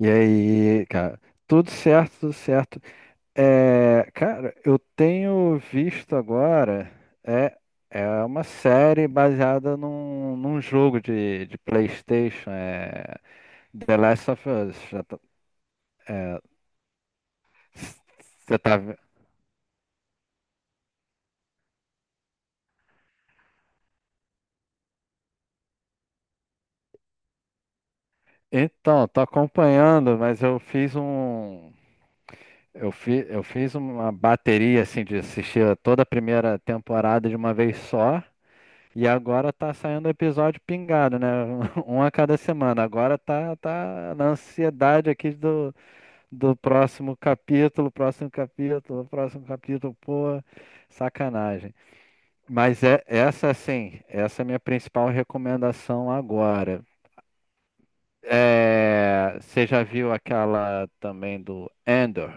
E aí, cara? Tudo certo, tudo certo. Cara, eu tenho visto agora é, é uma série baseada num jogo de PlayStation, The Last of Us. Já tá- é, você tá, ve- Então, tô acompanhando, mas eu fiz um eu, fi, eu fiz uma bateria assim de assistir a toda a primeira temporada de uma vez só. E agora tá saindo episódio pingado, né? Um a cada semana. Agora tá na ansiedade aqui do próximo capítulo, próximo capítulo, próximo capítulo. Pô, sacanagem. Mas essa é a minha principal recomendação agora. É, você já viu aquela também do Andor?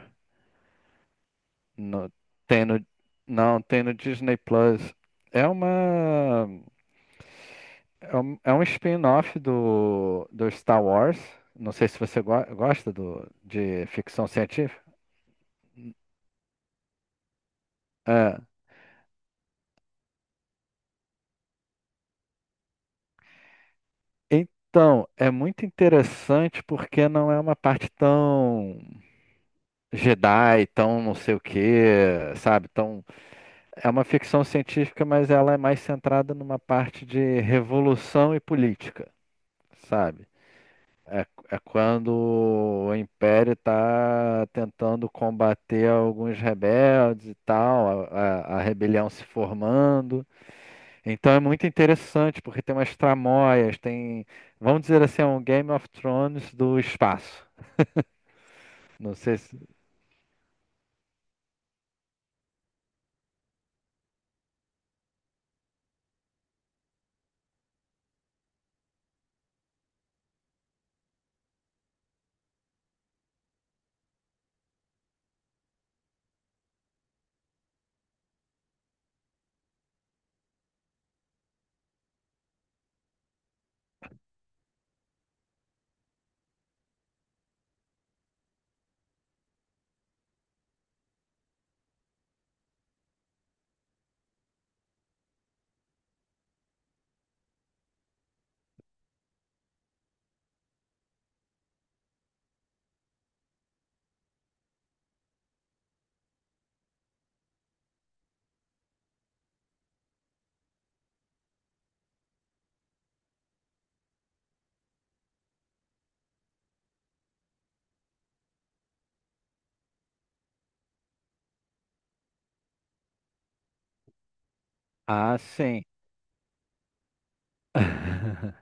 No, tem no, não, Tem no Disney Plus. É uma. É é um spin-off do Star Wars. Não sei se você gosta de ficção científica. É. Então, é muito interessante porque não é uma parte tão Jedi, tão não sei o quê, sabe? É uma ficção científica, mas ela é mais centrada numa parte de revolução e política, sabe? É quando o Império está tentando combater alguns rebeldes e tal, a rebelião se formando. Então é muito interessante, porque tem umas tramóias, vamos dizer assim, é um Game of Thrones do espaço. Não sei se... Ah, sim.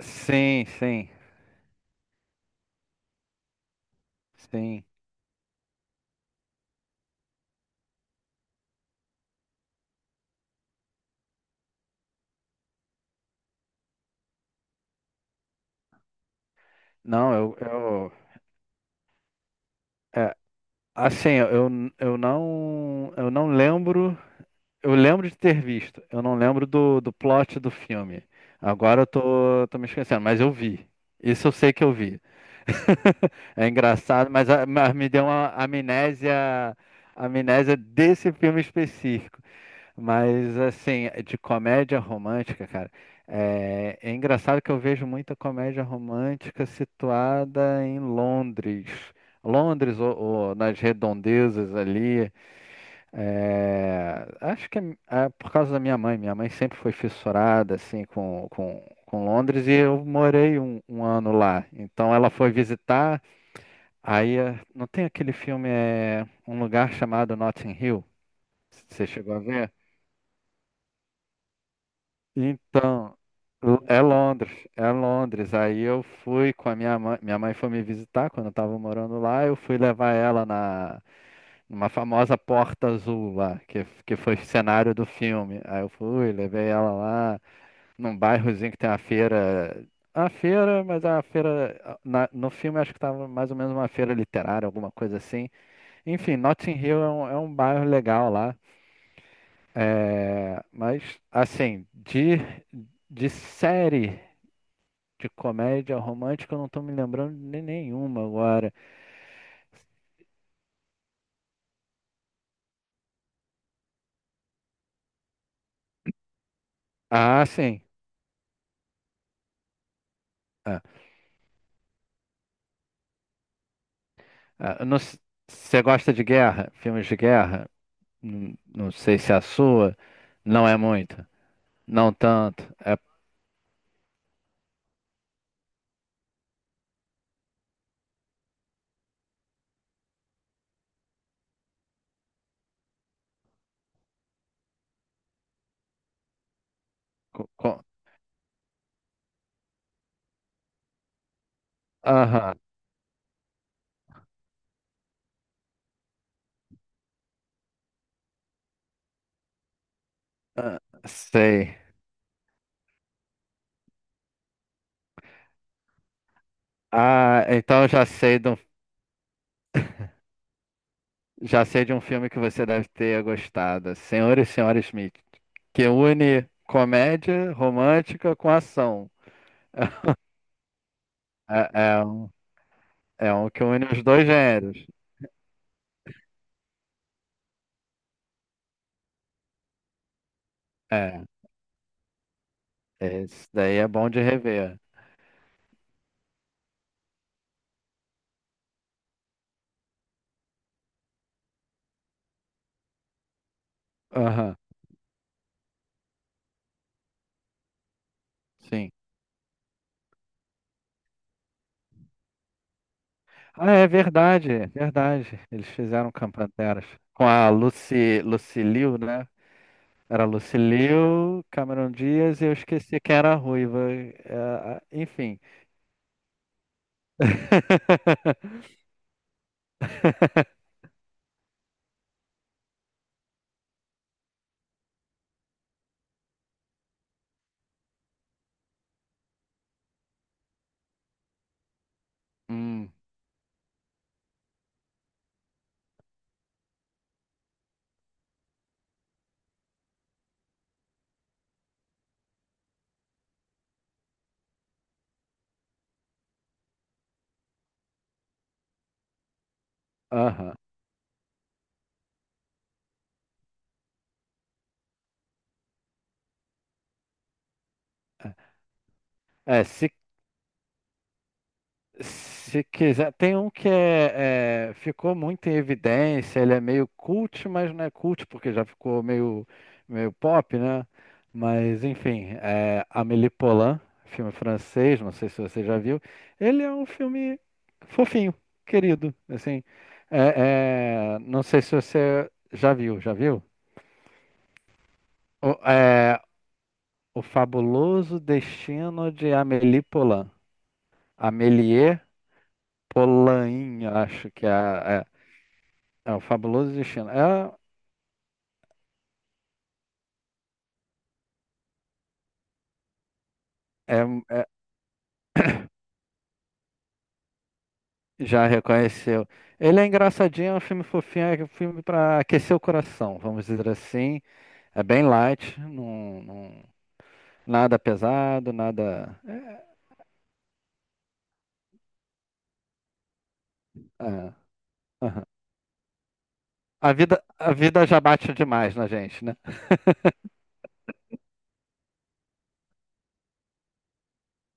Sim, sim, sim. Não, eu é, assim, eu não lembro. Eu lembro de ter visto, eu não lembro do plot do filme. Agora eu tô me esquecendo, mas eu vi. Isso eu sei que eu vi. É engraçado, mas me deu uma amnésia, amnésia desse filme específico. Mas assim, de comédia romântica, cara, é engraçado que eu vejo muita comédia romântica situada em Londres. Londres ou nas redondezas ali. É, acho que é, é por causa da minha mãe. Minha mãe sempre foi fissurada assim com Londres e eu morei um ano lá. Então ela foi visitar. Não tem aquele filme, é um lugar chamado Notting Hill. Você chegou a ver? Então, é Londres, é Londres. Aí eu fui com a minha mãe foi me visitar quando eu tava morando lá, eu fui levar ela na numa famosa porta azul lá, que foi cenário do filme. Aí eu fui, levei ela lá num bairrozinho que tem uma feira, a feira, mas a feira no filme acho que tava mais ou menos uma feira literária, alguma coisa assim. Enfim, Notting Hill é é um bairro legal lá. É, mas, assim, de série de comédia romântica, eu não estou me lembrando de nenhuma agora. Ah, sim. Ah, ah, não s- Você gosta de guerra? Filmes de guerra? Não sei se é a sua. Não é muito. Não tanto. É. co- co- Aham. Ah, sei. Ah, então eu já sei de um. Já sei de um filme que você deve ter gostado, Senhor e Senhora Smith, que une comédia romântica com ação. É, é um, é um que une os dois gêneros. É, esse daí é bom de rever. Aham, sim. Ah, é verdade, é verdade. Eles fizeram com a Panteras. Com a Lucy, Lucy Liu, né? Era Lucy Liu, Cameron Diaz e eu esqueci quem era a ruiva. Enfim. Hum, aham. É, se, se quiser. Tem um que ficou muito em evidência, ele é meio cult, mas não é cult, porque já ficou meio, meio pop, né? Mas, enfim, é Amélie Poulain, filme francês, não sei se você já viu. Ele é um filme fofinho, querido, assim. Não sei se você já viu, já viu? O, é, O Fabuloso Destino de Amélie Poulain. Amélie Polain, acho que é, é, é o Fabuloso Destino. É, é- Já reconheceu. Ele é engraçadinho, é um filme fofinho, é um filme para aquecer o coração, vamos dizer assim. É bem light, nada pesado, nada. é, é, aham. A vida já bate demais na gente, né?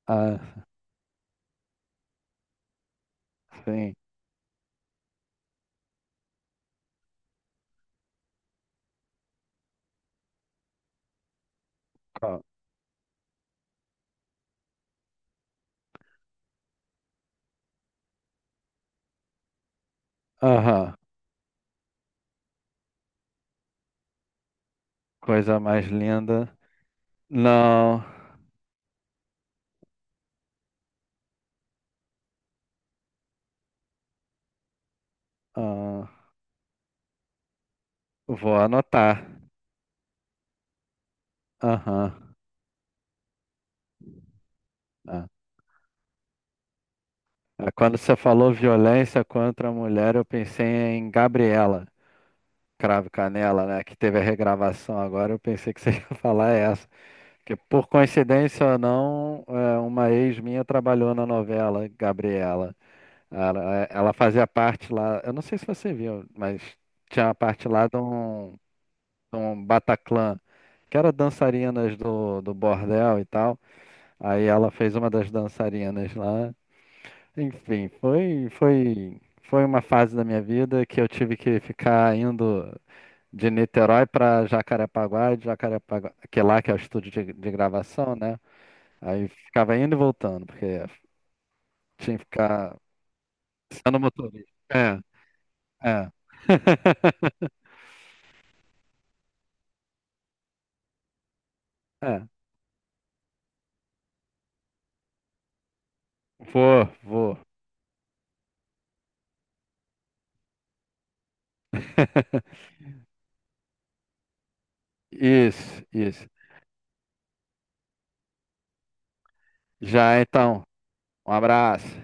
Ah, sim. Qual? Aham. Coisa mais linda. Não. Ah, vou anotar. Aham. É. É, quando você falou violência contra a mulher, eu pensei em Gabriela Cravo e Canela, né? Que teve a regravação agora. Eu pensei que você ia falar essa. Porque, por coincidência ou não, uma ex minha trabalhou na novela Gabriela. Ela fazia parte lá. Eu não sei se você viu, mas tinha uma parte lá de de um Bataclan, que era dançarinas do bordel e tal. Aí ela fez uma das dançarinas lá. Enfim, foi uma fase da minha vida que eu tive que ficar indo de Niterói para Jacarepaguá, e de Jacarepaguá, que lá que é o estúdio de gravação, né? Aí ficava indo e voltando, porque tinha que ficar sendo motorista. É, é. É, vou. Isso. Já então, um abraço. Tchau.